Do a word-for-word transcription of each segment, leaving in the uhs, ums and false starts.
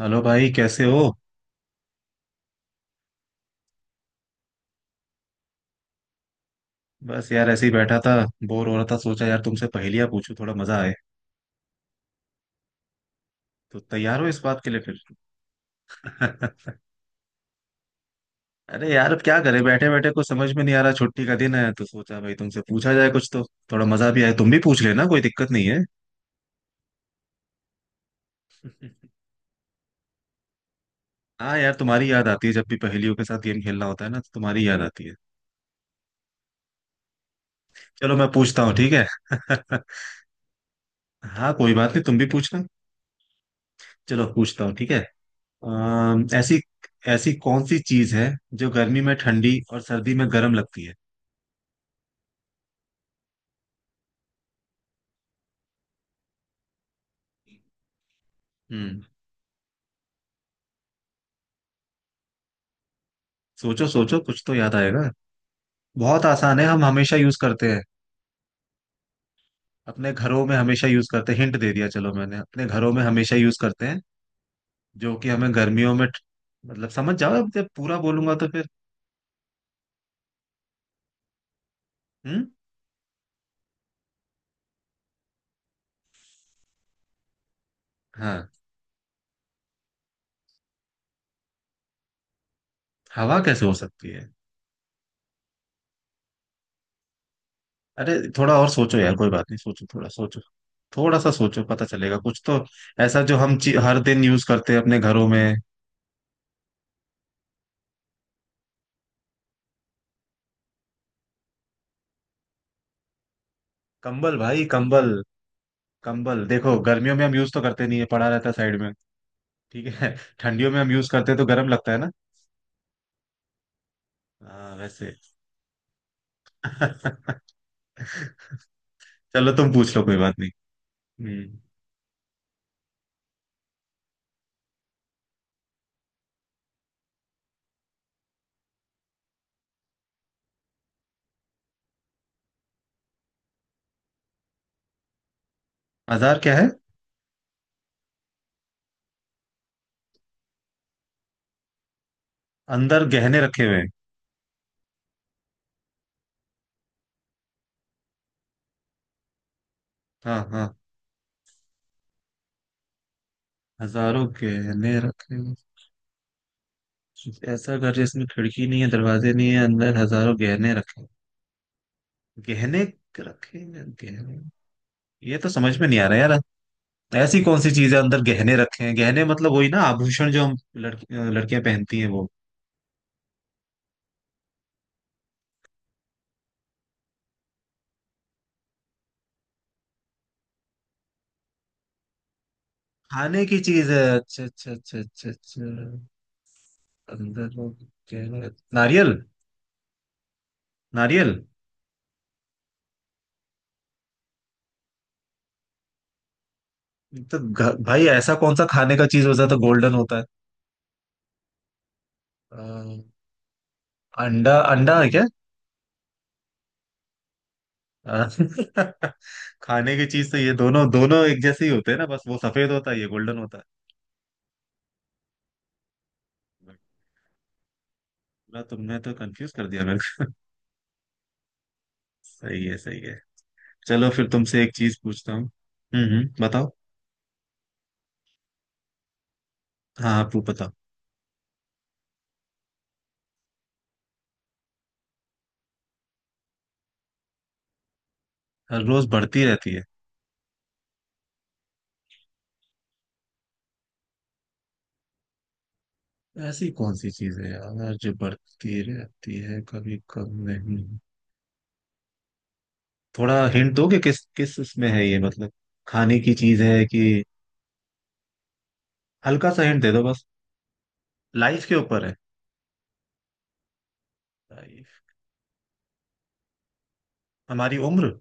Hello भाई कैसे हो। बस यार ऐसे ही बैठा था। बोर हो रहा था, सोचा यार तुमसे पहेलियां पूछूं थोड़ा मजा आए। तो तैयार हो इस बात के लिए फिर? अरे यार अब क्या करें, बैठे बैठे कुछ समझ में नहीं आ रहा, छुट्टी का दिन है तो सोचा भाई तुमसे पूछा जाए कुछ तो। थोड़ा मजा भी आए, तुम भी पूछ लेना, कोई दिक्कत नहीं है। हाँ यार तुम्हारी याद आती है, जब भी पहेलियों के साथ गेम खेलना होता है ना तो तुम्हारी याद आती है। चलो मैं पूछता हूँ, ठीक है। हाँ कोई बात नहीं, तुम भी पूछना। चलो पूछता हूँ, ठीक है। अम, ऐसी ऐसी कौन सी चीज है जो गर्मी में ठंडी और सर्दी में गर्म लगती है? हम्म। सोचो सोचो कुछ तो याद आएगा। बहुत आसान है, हम हमेशा यूज करते हैं। अपने घरों में हमेशा यूज करते हैं, हिंट दे दिया, चलो मैंने अपने घरों में हमेशा यूज करते हैं। जो कि हमें गर्मियों में ठ- मतलब समझ जाओ, अब जब पूरा बोलूंगा तो फिर। हम्म। हाँ। हवा कैसे हो सकती है? अरे थोड़ा और सोचो यार, कोई बात नहीं, सोचो थोड़ा सोचो। थोड़ा सा सोचो, पता चलेगा कुछ तो। ऐसा जो हम ची- हर दिन यूज करते हैं अपने घरों में। कंबल भाई कंबल। कंबल देखो, गर्मियों में हम यूज तो करते नहीं है, पड़ा रहता है साइड में। ठीक है। ठंडियों में हम यूज करते हैं तो गर्म लगता है ना। हाँ वैसे। चलो तुम पूछ लो, कोई बात नहीं। हम्म। हजार क्या है? अंदर गहने रखे हुए हैं? हाँ हाँ। हजारों गहने रखे हुए हैं। ऐसा घर जिसमें खिड़की नहीं है, दरवाजे नहीं है, अंदर हजारों गहने रखे, गहने रखे हैं, गहने। ये तो समझ में नहीं आ रहा यार। ऐसी कौन सी चीजें अंदर गहने रखे हैं? गहने मतलब वही ना, आभूषण जो हम लड़की लड़कियां पहनती हैं वो? खाने की चीज है? अच्छा अच्छा अच्छा अच्छा अच्छा। अंदर वो गहने। नारियल नारियल? तो घ- भाई ऐसा कौन सा खाने का चीज होता है तो गोल्डन होता है? अ, अंडा? अंडा है क्या? अ, खाने की चीज तो, ये दोनों दोनों एक जैसे ही होते हैं ना, बस वो सफेद होता है ये गोल्डन होता है। पूरा तुमने तो कंफ्यूज कर दिया मेरे को। सही है सही है। चलो फिर तुमसे एक चीज पूछता हूँ। हम्म हम्म बताओ। हाँ आप वो बताओ। हर रोज बढ़ती रहती है? ऐसी कौन सी चीज है यार जो बढ़ती रहती है कभी कम नहीं? थोड़ा हिंट दोगे, किस किस इसमें है ये, मतलब खाने की चीज है कि? हल्का सा हिंट दे दो बस। लाइफ के ऊपर है? लाइफ, हमारी उम्र।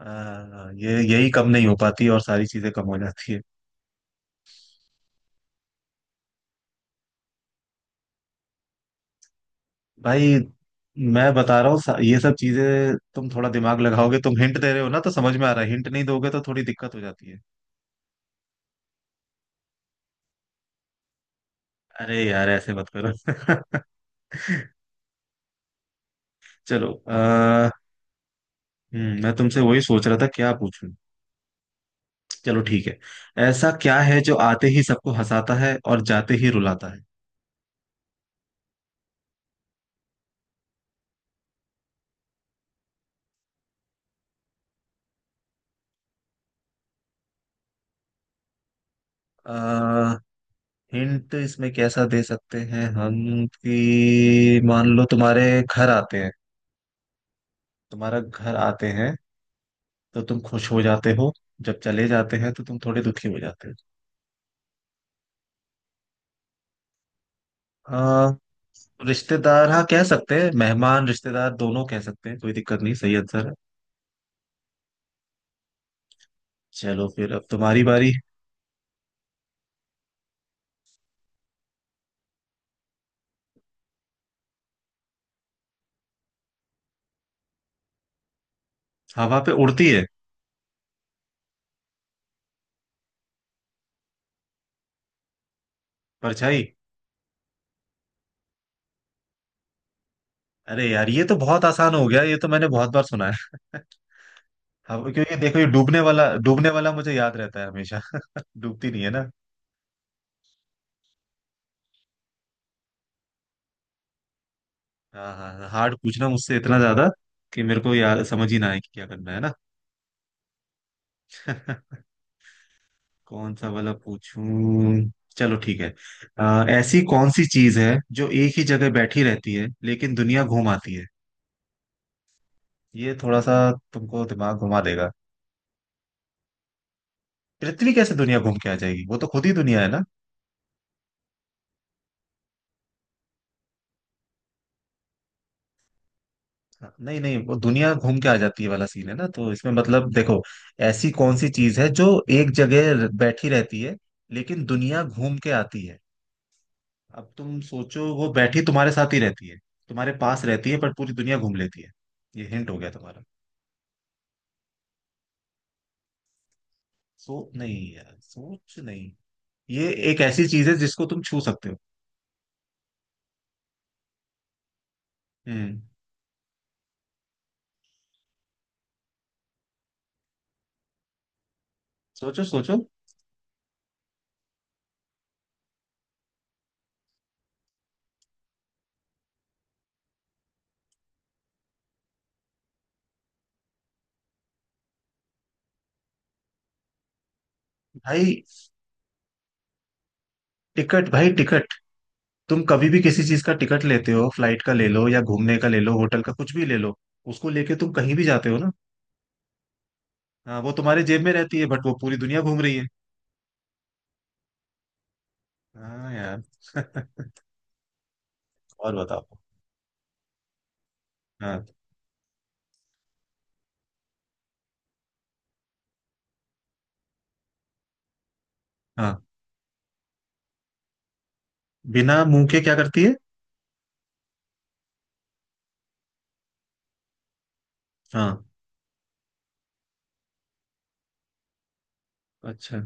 आ, ये यही कम नहीं हो पाती और सारी चीजें कम हो जाती है। भाई मैं बता रहा हूँ सा- ये सब चीजें तुम थोड़ा दिमाग लगाओगे, तुम हिंट दे रहे हो ना तो समझ में आ रहा है, हिंट नहीं दोगे तो थोड़ी दिक्कत हो जाती है। अरे यार ऐसे मत करो। चलो आ, मैं तुमसे वही सोच रहा था क्या पूछूं। चलो ठीक है। ऐसा क्या है जो आते ही सबको हंसाता है और जाते ही रुलाता है? आ, हिंट इसमें कैसा दे सकते हैं हम, कि मान लो तुम्हारे घर आते हैं, तुम्हारा घर आते हैं तो तुम खुश हो जाते हो, जब चले जाते हैं तो तुम थोड़े दुखी हो जाते हो। आ, रिश्तेदार? हाँ कह सकते हैं, मेहमान रिश्तेदार दोनों कह सकते हैं, कोई दिक्कत नहीं, सही आंसर है। चलो फिर अब तुम्हारी बारी। हवा पे उड़ती है? परछाई। अरे यार ये तो बहुत आसान हो गया, ये तो मैंने बहुत बार सुना है। अब क्योंकि देखो ये डूबने वाला डूबने वाला मुझे याद रहता है हमेशा। डूबती नहीं है ना। हाँ हाँ हाँ, हार्ड पूछना मुझसे इतना ज्यादा कि मेरे को याद समझ ही ना आए कि क्या करना है ना। कौन सा वाला पूछूं? चलो ठीक है। आ, ऐसी कौन सी चीज है जो एक ही जगह बैठी रहती है लेकिन दुनिया घूम आती है? ये थोड़ा सा तुमको दिमाग घुमा देगा। पृथ्वी कैसे दुनिया घूम के आ जाएगी, वो तो खुद ही दुनिया है ना। नहीं नहीं, वो दुनिया घूम के आ जाती है वाला सीन है ना, तो इसमें मतलब देखो, ऐसी कौन सी चीज है जो एक जगह बैठी रहती है लेकिन दुनिया घूम के आती है। अब तुम सोचो, वो बैठी तुम्हारे साथ ही रहती है, तुम्हारे पास रहती है पर पूरी दुनिया घूम लेती है। ये हिंट हो गया तुम्हारा। सो नहीं यार, सोच नहीं। ये एक ऐसी चीज है जिसको तुम छू सकते हो। हम्म। सोचो सोचो। भाई टिकट भाई टिकट। तुम कभी भी किसी चीज का टिकट लेते हो, फ्लाइट का ले लो या घूमने का ले लो, होटल का कुछ भी ले लो, उसको लेके तुम कहीं भी जाते हो ना। हाँ वो तुम्हारे जेब में रहती है, बट वो पूरी दुनिया घूम रही है। हाँ यार। और बताओ। हाँ। हाँ। बिना मुंह के क्या करती है? हाँ। अच्छा।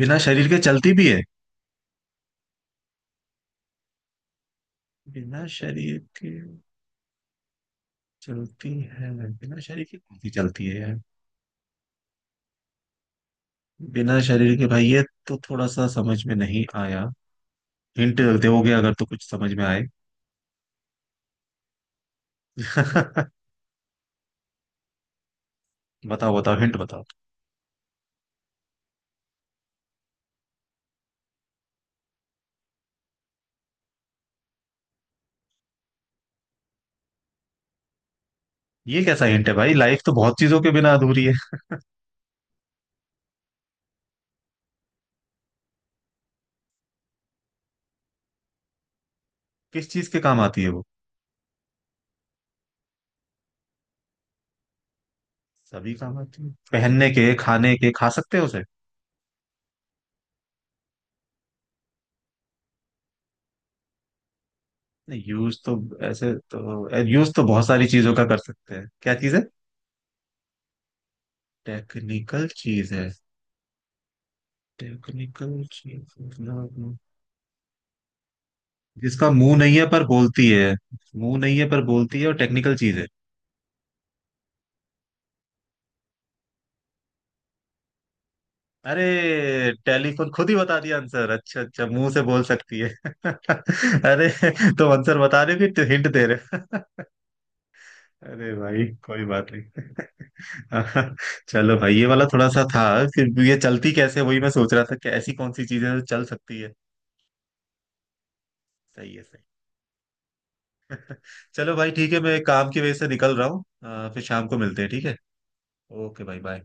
बिना शरीर के चलती भी है? बिना शरीर के चलती है। बिना शरीर के कौन सी चलती है यार? बिना शरीर के भाई, ये तो थोड़ा सा समझ में नहीं आया। हिंट दोगे अगर तो कुछ समझ में आए। बताओ बताओ हिंट बताओ। ये कैसा हिंट है भाई, लाइफ तो बहुत चीजों के बिना अधूरी है। किस चीज के काम आती है वो? सभी काम आती है, पहनने के, खाने के, खा सकते हैं उसे? नहीं यूज तो, ऐसे तो यूज तो बहुत सारी चीजों का कर सकते हैं, क्या चीज है? टेक्निकल चीज है? टेक्निकल चीज मतलब? जिसका मुंह नहीं है पर बोलती है। मुंह नहीं है पर बोलती है और टेक्निकल चीज है। अरे टेलीफोन, खुद ही बता दिया आंसर, अच्छा अच्छा मुंह से बोल सकती है। अरे तुम आंसर बता रहे हो कि हिंट दे रहे हो? अरे भाई कोई बात नहीं। चलो भाई ये वाला थोड़ा सा था। फिर भी ये चलती कैसे, वही मैं सोच रहा था कि ऐसी कौन सी चीजें जो चल सकती है। सही है सही। चलो भाई ठीक है, मैं काम की वजह से निकल रहा हूँ, अ, फिर शाम को मिलते हैं, ठीक है। ओके भाई बाय।